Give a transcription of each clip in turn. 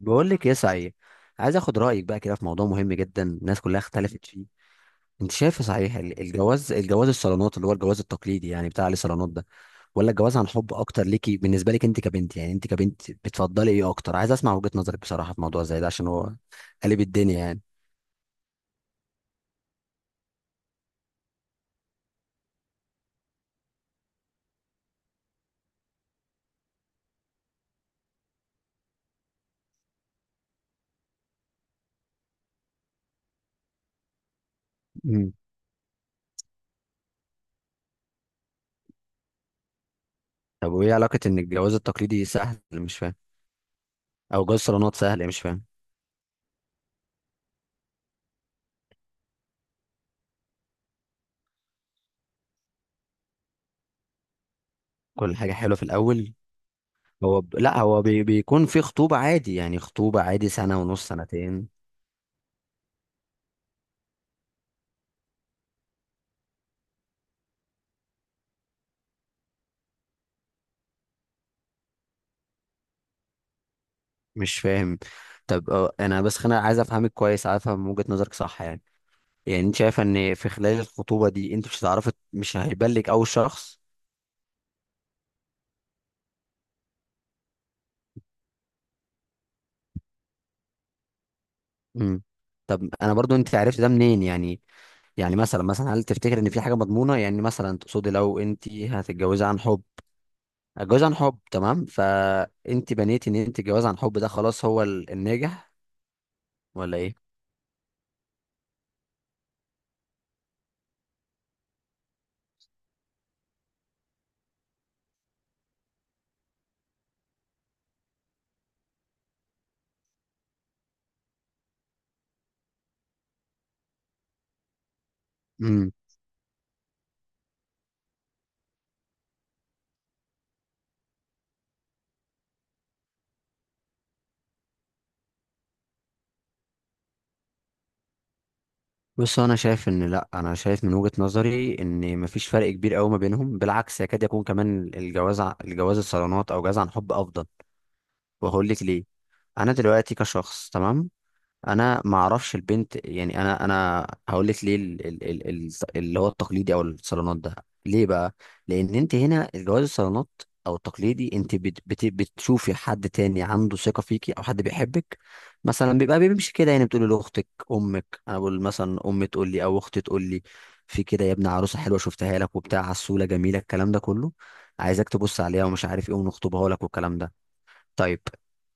بقول لك ايه صحيح. عايز اخد رايك بقى كده في موضوع مهم جدا، الناس كلها اختلفت فيه. انت شايف صحيح الجواز الصالونات، اللي هو الجواز التقليدي، يعني بتاع عليه صالونات ده، ولا الجواز عن حب اكتر ليكي؟ بالنسبه لك انت كبنت، يعني انت كبنت بتفضلي ايه اكتر؟ عايز اسمع وجهه نظرك بصراحه في موضوع زي ده، عشان هو قلب الدنيا يعني. مم. طب وايه علاقه ان الجواز التقليدي سهل؟ مش فاهم. او جواز الصالونات سهل؟ مش فاهم. كل حاجه حلوه في الاول. هو ب... لا هو بي... بيكون في خطوبه عادي، يعني خطوبه عادي سنه ونص سنتين. مش فاهم. طب انا بس انا عايز افهمك كويس، عايز افهم من وجهة نظرك صح يعني. يعني انت شايفه ان في خلال الخطوبه دي انت مش هتعرفي، مش هيبان لك اول شخص. امم. طب انا برضو، انت عرفت ده منين يعني؟ يعني مثلا هل تفتكر ان في حاجه مضمونه؟ يعني مثلا تقصدي لو انت هتتجوزي عن حب، هتجوزي عن حب تمام، فانت بنيتي ان انت الجواز عن حب ده خلاص هو الناجح ولا ايه؟ مم. بص انا شايف ان، لا، انا شايف من وجهة نظري ان مفيش فرق كبير قوي ما بينهم، بالعكس يكاد يكون كمان الجواز الجواز الصالونات او جواز عن حب افضل. وهقول لك ليه. انا دلوقتي كشخص تمام، انا ما اعرفش البنت، يعني انا هقول لك ليه اللي هو التقليدي او الصالونات ده. ليه بقى؟ لان انت هنا الجواز الصالونات او التقليدي، انت بت بت بتشوفي حد تاني عنده ثقه فيكي، او حد بيحبك مثلا، بيبقى بيمشي كده. يعني بتقولي لاختك امك، انا بقول مثلا امي تقول لي او اختي تقول لي، في كده يا ابني عروسه حلوه شفتها لك وبتاع، عسوله، جميله، الكلام ده كله، عايزك تبص عليها ومش عارف ايه، ونخطبها لك والكلام ده. طيب،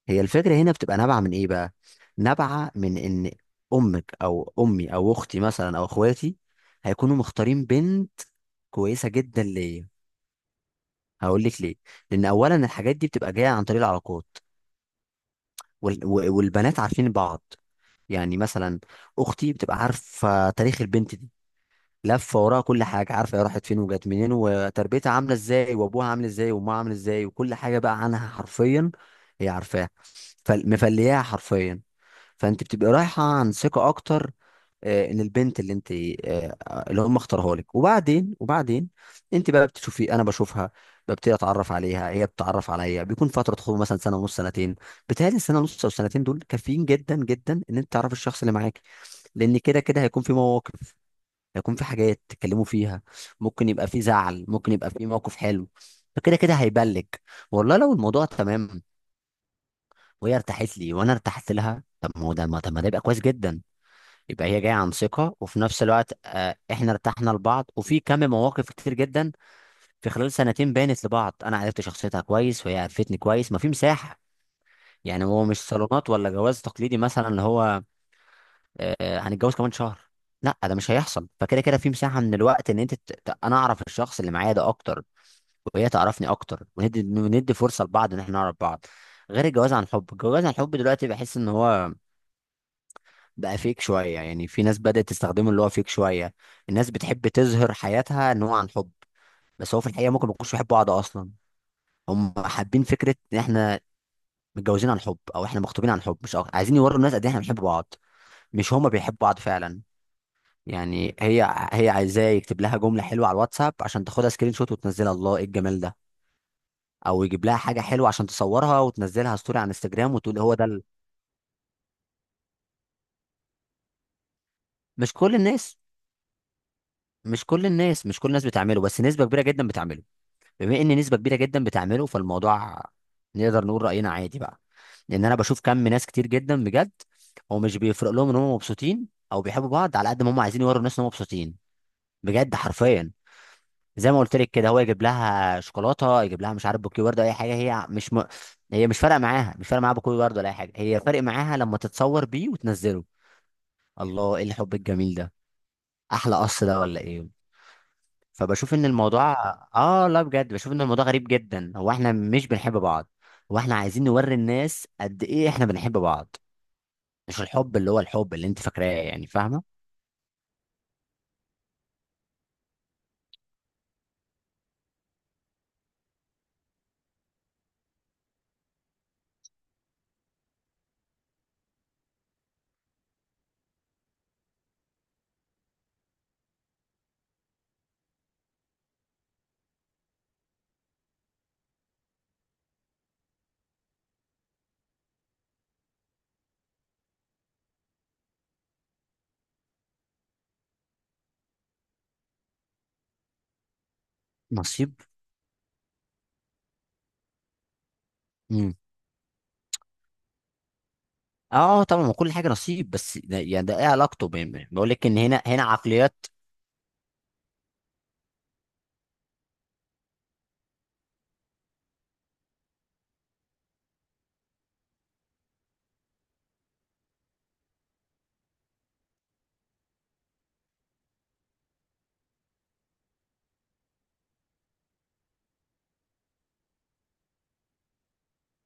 هي الفكرة هنا بتبقى نابعة من ايه بقى؟ نابعة من ان امك او امي او اختي مثلا او اخواتي هيكونوا مختارين بنت كويسة جدا ليا. هقول لك ليه. لان اولا الحاجات دي بتبقى جاية عن طريق العلاقات، والبنات عارفين بعض. يعني مثلا اختي بتبقى عارفة تاريخ البنت دي، لفة وراها، كل حاجة عارفة، هي راحت فين وجت منين وتربيتها عاملة ازاي وابوها عامل ازاي وامها عامل ازاي وكل حاجة بقى عنها، حرفيا هي عارفاها، فمفلياها حرفيا. فانت بتبقى رايحه عن ثقه اكتر ان البنت اللي انت، آه، اللي هم اختاروها لك. وبعدين، انت بقى بتشوفي، انا بشوفها، ببتدي اتعرف عليها، هي بتتعرف عليا، بيكون فتره خطوبه مثلا سنه ونص سنتين. بتهيألي السنه ونص او سنتين دول كافيين جدا جدا ان انت تعرف الشخص اللي معاك. لان كده كده هيكون في مواقف، هيكون في حاجات تتكلموا فيها، ممكن يبقى في زعل، ممكن يبقى في موقف حلو. فكده كده هيبلج والله لو الموضوع تمام، وهي ارتاحت لي وانا ارتحت لها. طب ما هو ده ما طب ما ده يبقى كويس جدا. يبقى هي جايه عن ثقه، وفي نفس الوقت احنا ارتحنا لبعض، وفي كم مواقف كتير جدا في خلال سنتين بانت لبعض، انا عرفت شخصيتها كويس وهي عرفتني كويس، ما في مساحه. يعني هو مش صالونات ولا جواز تقليدي مثلا اللي هو هنتجوز كمان شهر، لا ده مش هيحصل. فكده كده في مساحه من الوقت ان انا اعرف الشخص اللي معايا ده اكتر وهي تعرفني اكتر، وندي فرصه لبعض ان احنا نعرف بعض. غير الجواز عن حب. الجواز عن حب دلوقتي بحس ان هو بقى فيك شوية، يعني في ناس بدأت تستخدمه، اللي هو فيك شوية. الناس بتحب تظهر حياتها ان هو عن حب، بس هو في الحقيقة ممكن ما يكونوش بيحبوا بعض اصلا. هم حابين فكرة ان احنا متجوزين عن حب، او احنا مخطوبين عن حب، مش أكتر. عايزين يوروا الناس قد ايه احنا بنحب بعض، مش هما بيحبوا بعض فعلا. يعني هي عايزاه يكتب لها جملة حلوة على الواتساب عشان تاخدها سكرين شوت وتنزلها، الله ايه الجمال ده. او يجيب لها حاجة حلوة عشان تصورها وتنزلها ستوري على انستجرام وتقول هو ده مش كل الناس، مش كل الناس، مش كل الناس بتعمله، بس نسبة كبيرة جدا بتعمله. بما ان نسبه كبيره جدا بتعمله فالموضوع نقدر نقول راينا عادي بقى. لان انا بشوف كم ناس كتير جدا بجد، هو مش بيفرق لهم ان هم مبسوطين او بيحبوا بعض على قد ما هم عايزين يوروا الناس ان هم مبسوطين. بجد حرفيا. زي ما قلت لك كده، هو يجيب لها شوكولاته، يجيب لها مش عارف بوكيه ورد، اي حاجه، هي مش فارقه معاها، مش فارقه معاها بوكيه ورد ولا اي حاجه، هي فارق معاها لما تتصور بيه وتنزله، الله ايه الحب الجميل ده، احلى قص ده ولا ايه؟ فبشوف ان الموضوع، اه لا بجد بشوف ان الموضوع غريب جدا. هو احنا مش بنحب بعض، هو احنا عايزين نوري الناس قد ايه احنا بنحب بعض. مش الحب اللي هو الحب اللي انت فاكراه، يعني فاهمه. نصيب. امم. اه طبعا ما كل حاجه نصيب، بس ده يعني ده ايه علاقته بقول لك ان هنا عقليات.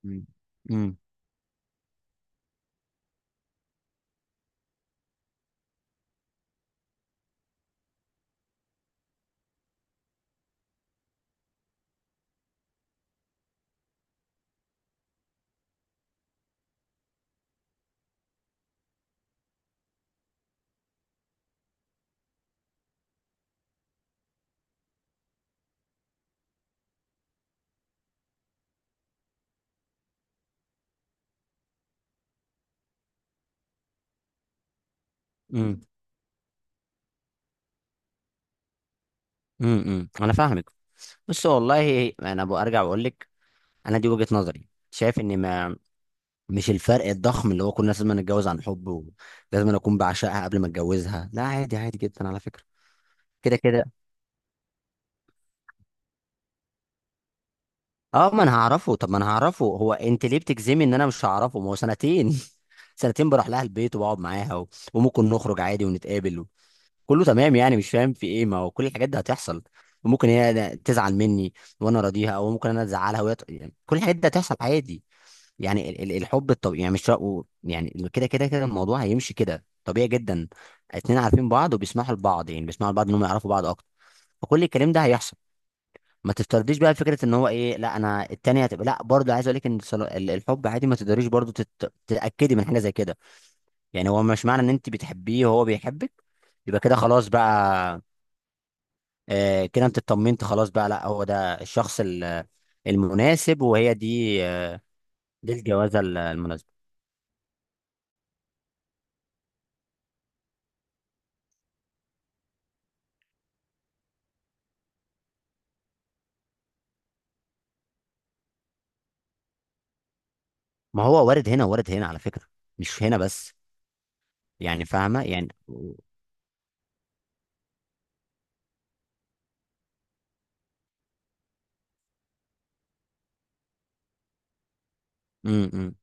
امم امم امم انا فاهمك. بس والله انا برجع بقول لك، انا دي وجهه نظري، شايف ان ما، مش الفرق الضخم اللي هو كل الناس لازم نتجوز عن حب، ولازم أنا اكون بعشقها قبل ما اتجوزها، لا، عادي، عادي جدا على فكره. كده كده. اه، ما انا هعرفه، هو انت ليه بتجزمي ان انا مش هعرفه؟ ما هو سنتين سنتين بروح لها البيت وبقعد معاها وممكن نخرج عادي ونتقابل، كله تمام. يعني مش فاهم في ايه، ما هو كل الحاجات دي هتحصل. وممكن هي تزعل مني وانا راضيها، او ممكن انا ازعلها وهي يعني كل الحاجات دي هتحصل عادي. يعني الحب الطبيعي، يعني مش رأو، يعني كده كده كده الموضوع هيمشي كده طبيعي جدا، اتنين عارفين بعض وبيسمحوا لبعض، يعني بيسمحوا لبعض انهم يعرفوا بعض اكتر، فكل الكلام ده هيحصل. ما تفترضيش بقى فكره ان هو ايه، لا انا التانية هتبقى، لا، برضه عايز اقول لك ان الحب عادي، ما تقدريش برضه تتاكدي من حاجه زي كده. يعني هو مش معنى ان انت بتحبيه وهو بيحبك يبقى كده خلاص بقى، كده انت اطمنت خلاص بقى، لا هو ده الشخص المناسب، وهي دي دي الجوازه المناسبه. ما هو وارد هنا، وارد هنا على فكره، مش هنا بس، يعني فاهمه يعني. امم.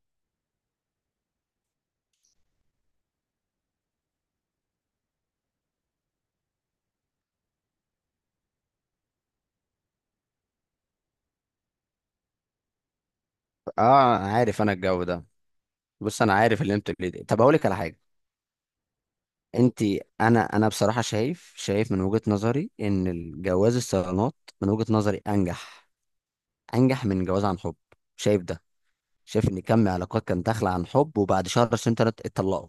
اه عارف انا الجو ده. بص انا عارف اللي انت بتقوليه ده. طب اقول لك على حاجه. انت. انا بصراحه شايف من وجهه نظري ان الجواز الصالونات، من وجهه نظري انجح، انجح من جواز عن حب. شايف ده؟ شايف ان كم علاقات كان داخله عن حب وبعد شهر سنتين اتطلقوا،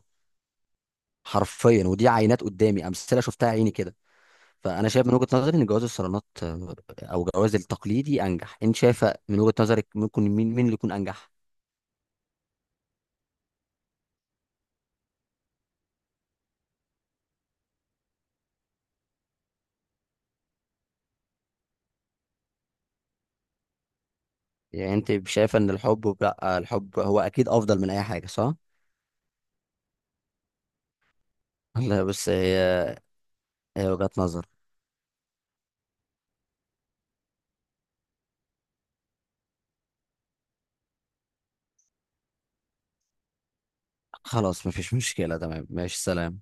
حرفيا، ودي عينات قدامي، امثله شفتها عيني كده. فانا شايف من وجهه نظري ان جواز الصالونات او جواز التقليدي انجح. انت شايفه من وجهه نظرك ممكن مين اللي يكون انجح؟ يعني انت شايفه ان الحب، لا الحب هو اكيد افضل من اي حاجه صح؟ لا بس هي وجهه نظر. خلاص مفيش مشكله، تمام ماشي، سلام.